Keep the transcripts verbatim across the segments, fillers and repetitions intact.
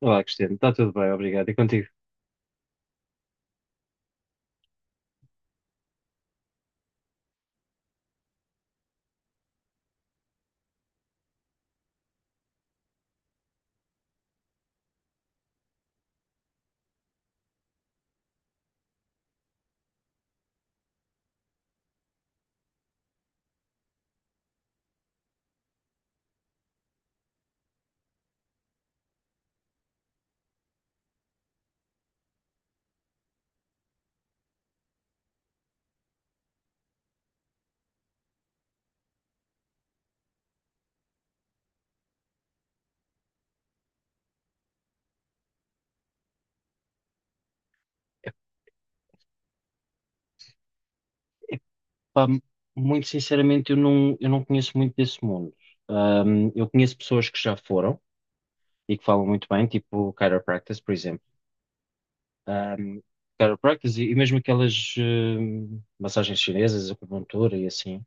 Olá, Cristiano, está tudo bem, obrigado. E contigo? Pá, muito sinceramente, eu não, eu não conheço muito desse mundo. Ahm, eu conheço pessoas que já foram e que falam muito bem, tipo chiropractors, por exemplo. Um, Chiropractors e, e mesmo aquelas ahm, massagens chinesas, acupuntura e assim.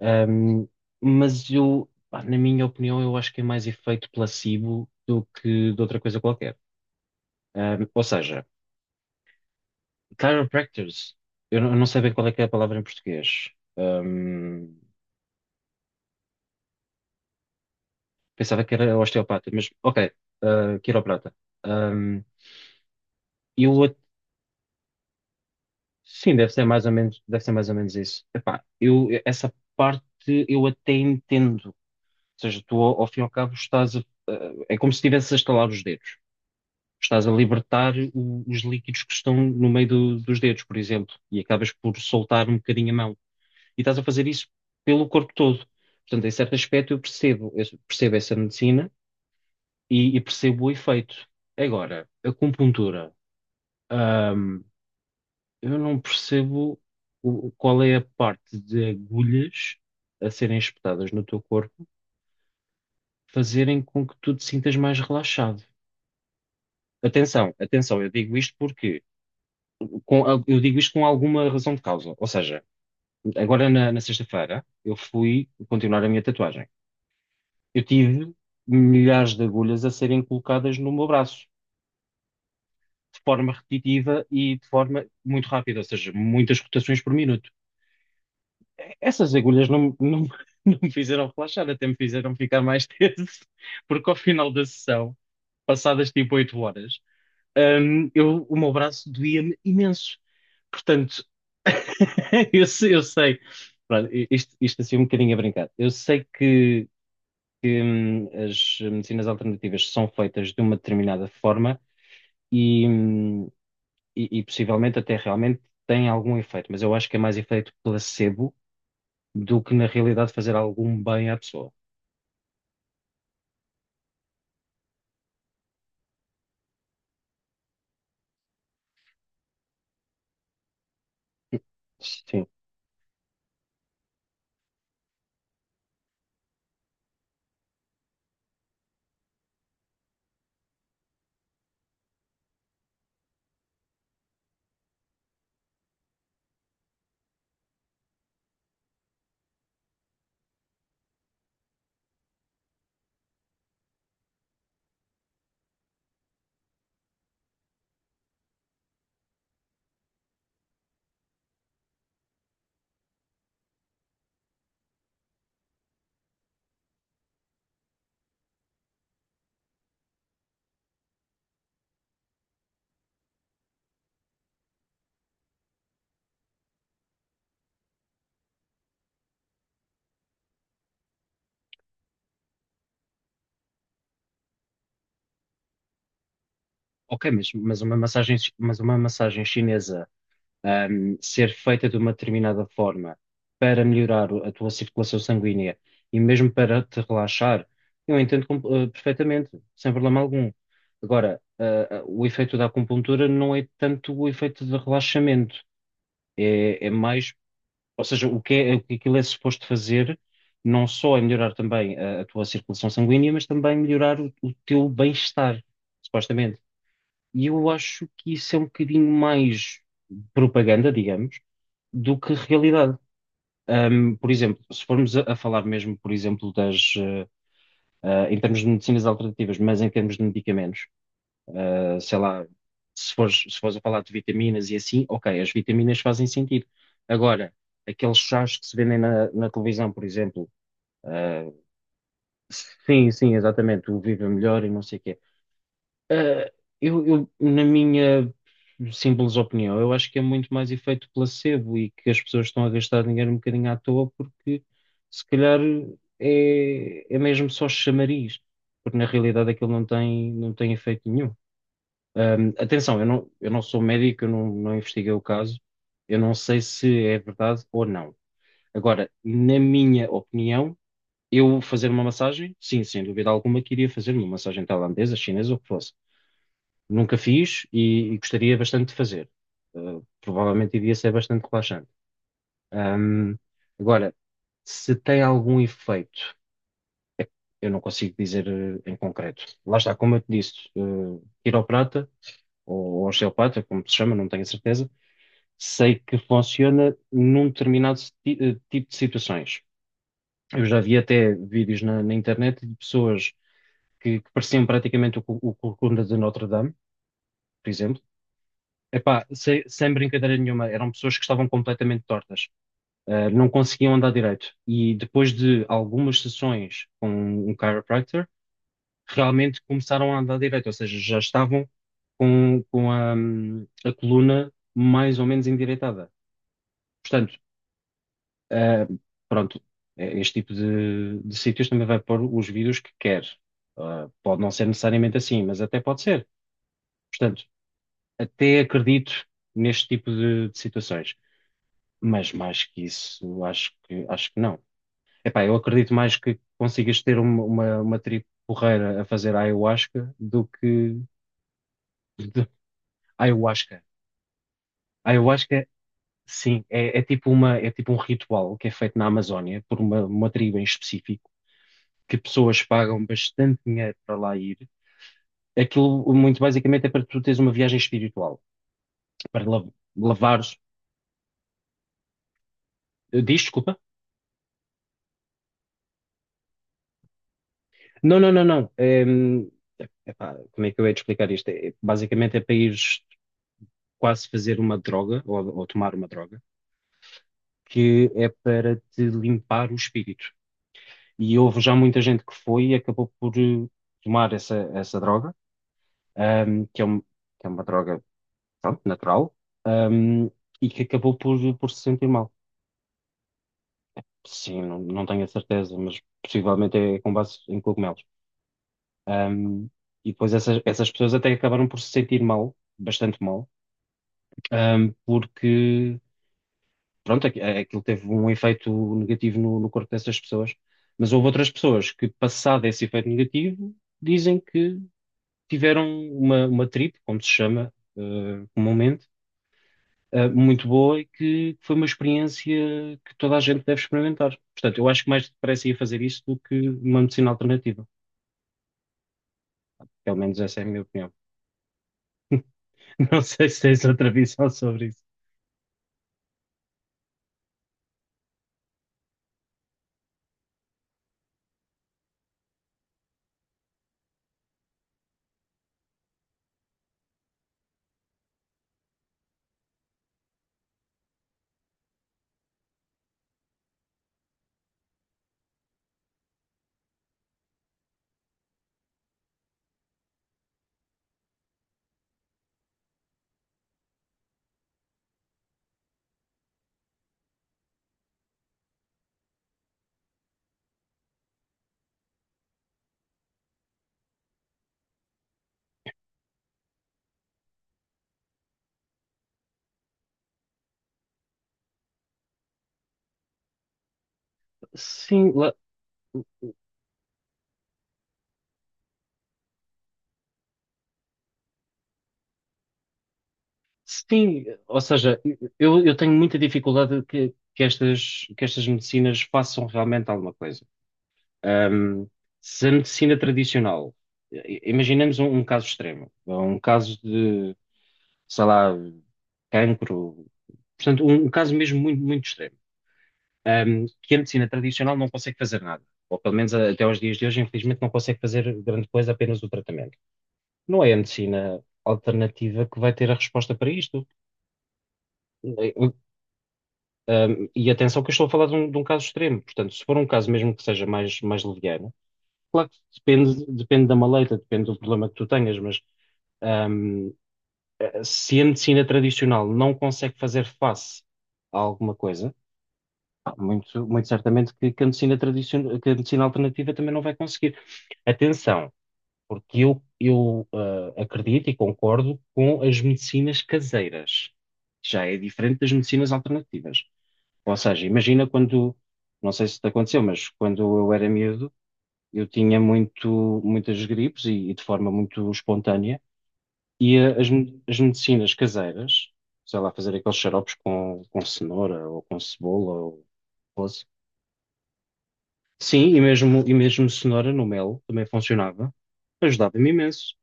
Ahm, mas eu, pá, na minha opinião, eu acho que é mais efeito placebo do que de outra coisa qualquer. Ahm, ou seja, chiropractors, eu não, eu não sei bem qual é que é a palavra em português. Ahm, Pensava que era osteopata, mas ok, ah, quiroprata. Ahm, e o outro, sim, deve ser mais ou menos, deve ser mais ou menos isso. Epá, eu, essa parte eu até entendo. Ou seja, tu ao, ao fim e ao cabo estás a, é como se estivesse a estalar os dedos. Estás a libertar o- os líquidos que estão no meio do- dos dedos, por exemplo, e acabas por soltar um bocadinho a mão. E estás a fazer isso pelo corpo todo. Portanto, em certo aspecto eu percebo, eu percebo essa medicina e e percebo o efeito. Agora, acupuntura. Ahm, eu não percebo o- qual é a parte de agulhas a serem espetadas no teu corpo fazerem com que tu te sintas mais relaxado. Atenção, atenção, eu digo isto porque com, al- eu digo isto com alguma razão de causa. Ou seja, agora na, na sexta-feira eu fui continuar a minha tatuagem. Eu tive milhares de agulhas a serem colocadas no meu braço, de forma repetitiva e de forma muito rápida, ou seja, muitas rotações por minuto. Essas agulhas não, não, não me fizeram relaxar, até me fizeram ficar mais tenso, porque ao final da sessão, passadas tipo oito horas, hum, eu, o meu braço doía-me imenso. Portanto, eu, sei, eu sei- pronto, isto, isto assim um bocadinho a brincar. Eu sei que, que, hum, as medicinas alternativas são feitas de uma determinada forma e, hum, e, e possivelmente até realmente têm algum efeito, mas eu acho que é mais efeito placebo do que na realidade fazer algum bem à pessoa. Sim, ok, mas, mas uma massagem, mas uma massagem chinesa, ahm, ser feita de uma determinada forma para melhorar o- a tua circulação sanguínea e mesmo para te relaxar, eu entendo com- eh, perfeitamente, sem problema algum. Agora, ah, ah, o efeito da acupuntura não é tanto o efeito de relaxamento, é, é mais. Ou seja, o que é, o que aquilo é suposto fazer não só é melhorar também a, a tua circulação sanguínea, mas também melhorar o, o teu bem-estar, supostamente. E eu acho que isso é um bocadinho mais propaganda, digamos, do que realidade. Ahm, por exemplo, se formos a, a falar mesmo, por exemplo, das, eh, ah, em termos de medicinas alternativas, mas em termos de medicamentos, ah, sei lá, se fores, se fores a falar de vitaminas e assim, ok, as vitaminas fazem sentido. Agora, aqueles chás que se vendem na, na televisão, por exemplo, ah, sim, sim, exatamente, o Viva Melhor e não sei o quê. Ah, eu, eu, Na minha simples opinião, eu acho que é muito mais efeito placebo e que as pessoas estão a gastar dinheiro um bocadinho à toa porque se calhar é, é mesmo só chamariz, porque na realidade aquilo não tem, não tem efeito nenhum. Ahm, atenção, eu não, eu não sou médico, eu não, não investiguei o caso, eu não sei se é verdade ou não. Agora, na minha opinião, eu fazer uma massagem, sim, sem dúvida alguma, queria fazer uma massagem tailandesa, chinesa, ou o que fosse. Nunca fiz e, e gostaria bastante de fazer. Ah, provavelmente iria ser bastante relaxante. Ahm, Agora, se tem algum efeito, eu não consigo dizer eh, em concreto. Lá está, como eu te disse, eh, quiroprata ou osteopata, como se chama, não tenho certeza. Sei que funciona num determinado ti- eh, tipo de situações. Eu já vi até vídeos na, na internet de pessoas que, que pareciam praticamente o, cu- o Corcunda de Notre Dame, por exemplo. Epá, sem, sem brincadeira nenhuma, eram pessoas que estavam completamente tortas, eh, não conseguiam andar direito. E depois de algumas sessões com um chiropractor, realmente começaram a andar direito, ou seja, já estavam com, com a, hum, a coluna mais ou menos endireitada. Portanto, Ah, pronto, eh, este tipo de, de sítios também vai pôr os vídeos que quer. Ah, pode não ser necessariamente assim, mas até pode ser. Portanto, até acredito neste tipo de, de situações. Mas mais que isso, acho que, acho que não. Epá, eu acredito mais que consigas ter uma, uma, uma tribo porreira a fazer ayahuasca do que de- ayahuasca. Ayahuasca, sim, é, é tipo uma, é tipo um ritual que é feito na Amazónia por uma, uma tribo em específico que pessoas pagam bastante dinheiro para lá ir. Aquilo, muito basicamente, é para tu teres uma viagem espiritual, para la- lavares. Diz, desculpa? Não, não, não, não. É, hum, epá, como é que eu ia te explicar isto? É, basicamente, é para ires quase fazer uma droga, ou, ou tomar uma droga, que é para te limpar o espírito. E houve já muita gente que foi e acabou por eh, tomar essa, essa droga, hum, que é, um- que é uma droga, pronto, natural, hum, e que acabou por, por se sentir mal. Sim, não, não tenho a certeza, mas possivelmente é com base em cogumelos. Ahm, e depois essas, essas pessoas até acabaram por se sentir mal, bastante mal, ahm, porque, pronto, aqu- aquilo teve um efeito negativo no, no corpo dessas pessoas. Mas houve outras pessoas que, passado esse efeito negativo, dizem que tiveram uma, uma trip, como se chama, eh, comumente ah, muito boa e que foi uma experiência que toda a gente deve experimentar. Portanto, eu acho que mais depressa ia fazer isso do que uma medicina alternativa. Pelo menos essa é a minha opinião. Não sei se tens outra visão sobre isso. Sim, lá- sim, ou seja, eu, eu tenho muita dificuldade que, que estas, que estas medicinas façam realmente alguma coisa. Ahm, Se a medicina tradicional, i- imaginemos um, um caso extremo, um caso de, sei lá, cancro. Portanto, um, um caso mesmo muito, muito extremo, um, que a medicina tradicional não consegue fazer nada, ou pelo menos a- até aos dias de hoje, infelizmente, não consegue fazer grande coisa, apenas o tratamento. Não é a medicina alternativa que vai ter a resposta para isto. Um, um, e atenção que eu estou a falar de um, de um, caso extremo, portanto, se for um caso mesmo que seja mais, mais leviano, claro que depende, depende da maleta, depende do problema que tu tenhas, mas um, se a medicina tradicional não consegue fazer face a alguma coisa, Ah, muito, muito certamente que, que a medicina tradicional, que a medicina alternativa também não vai conseguir. Atenção, porque eu, eu ah, acredito e concordo com as medicinas caseiras. Já é diferente das medicinas alternativas. Ou seja, imagina quando, não sei se te aconteceu, mas quando eu era miúdo, eu tinha muito, muitas gripes e, e de forma muito espontânea, e ah, as, me- as medicinas caseiras, sei lá, fazer aqueles xaropes com, com cenoura ou com cebola ou Sim, e mesmo, e mesmo cenoura no mel também funcionava, ajudava-me imenso.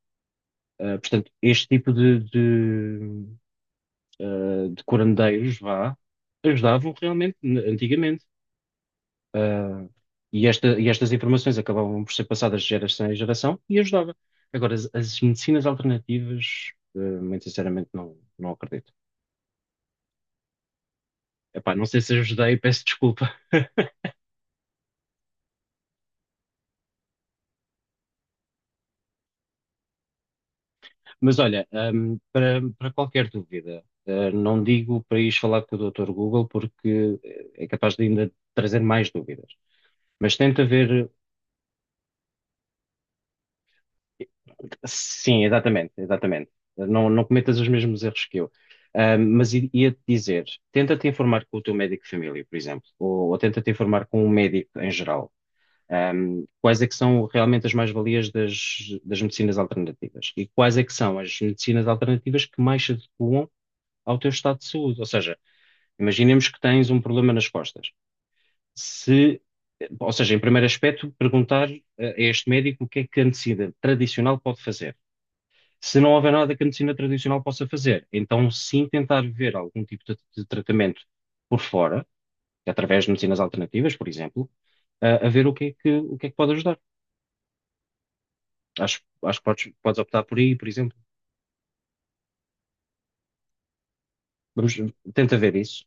Ah, portanto, este tipo de, de, ah, de curandeiros, vá, ajudavam realmente n- antigamente. Ah, e, esta, e estas informações acabavam por ser passadas de geração em geração e ajudava. Agora, as, as medicinas alternativas, ah, muito sinceramente, não, não acredito. Epá, não sei se ajudei, peço desculpa. Mas olha, ahm, para, para qualquer dúvida, ah, não digo para ires falar com o Doutor Google porque eh, é capaz de ainda trazer mais dúvidas. Mas tenta ver. Sim, exatamente, exatamente. Não, não cometas os mesmos erros que eu. Ahm, mas i- ia-te dizer, tenta-te informar com o teu médico de família, por exemplo, ou, ou tenta-te informar com um médico em geral. Ahm, quais é que são realmente as mais-valias das, das medicinas alternativas? E quais é que são as medicinas alternativas que mais se adequam ao teu estado de saúde. Ou seja, imaginemos que tens um problema nas costas. Se, Ou seja, em primeiro aspecto, perguntar eh, a este médico o que é que a medicina tradicional pode fazer. Se não houver nada que a medicina tradicional possa fazer, então sim tentar ver algum tipo de, de tratamento por fora, através de medicinas alternativas, por exemplo, a, a ver o que é que, o que é que pode ajudar. Acho, acho que podes, podes optar por aí, por exemplo. Vamos, Tenta ver isso.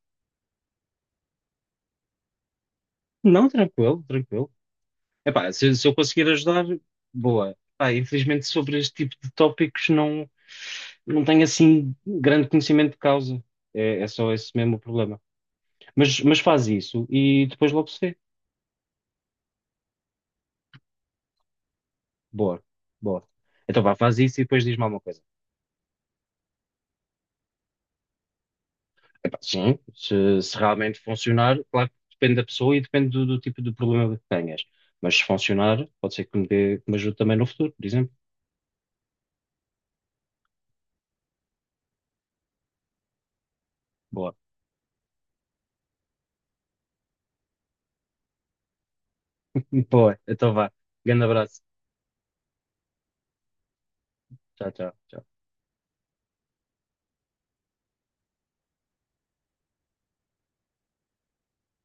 Não, tranquilo, tranquilo. Epá, se, se eu conseguir ajudar, boa. Pá, infelizmente sobre este tipo de tópicos não, não tenho assim grande conhecimento de causa. É, é só esse mesmo o problema. Mas, mas faz isso e depois logo se vê. Boa, boa. Então vá, faz isso e depois diz-me alguma coisa. Epá, sim, se, se realmente funcionar, claro que depende da pessoa e depende do, do tipo de problema que tenhas. Mas se funcionar, pode ser que me, dê- que me ajude também no futuro, por exemplo. Boa. Boa, então vá. Grande abraço. Tchau, tchau. Tchau.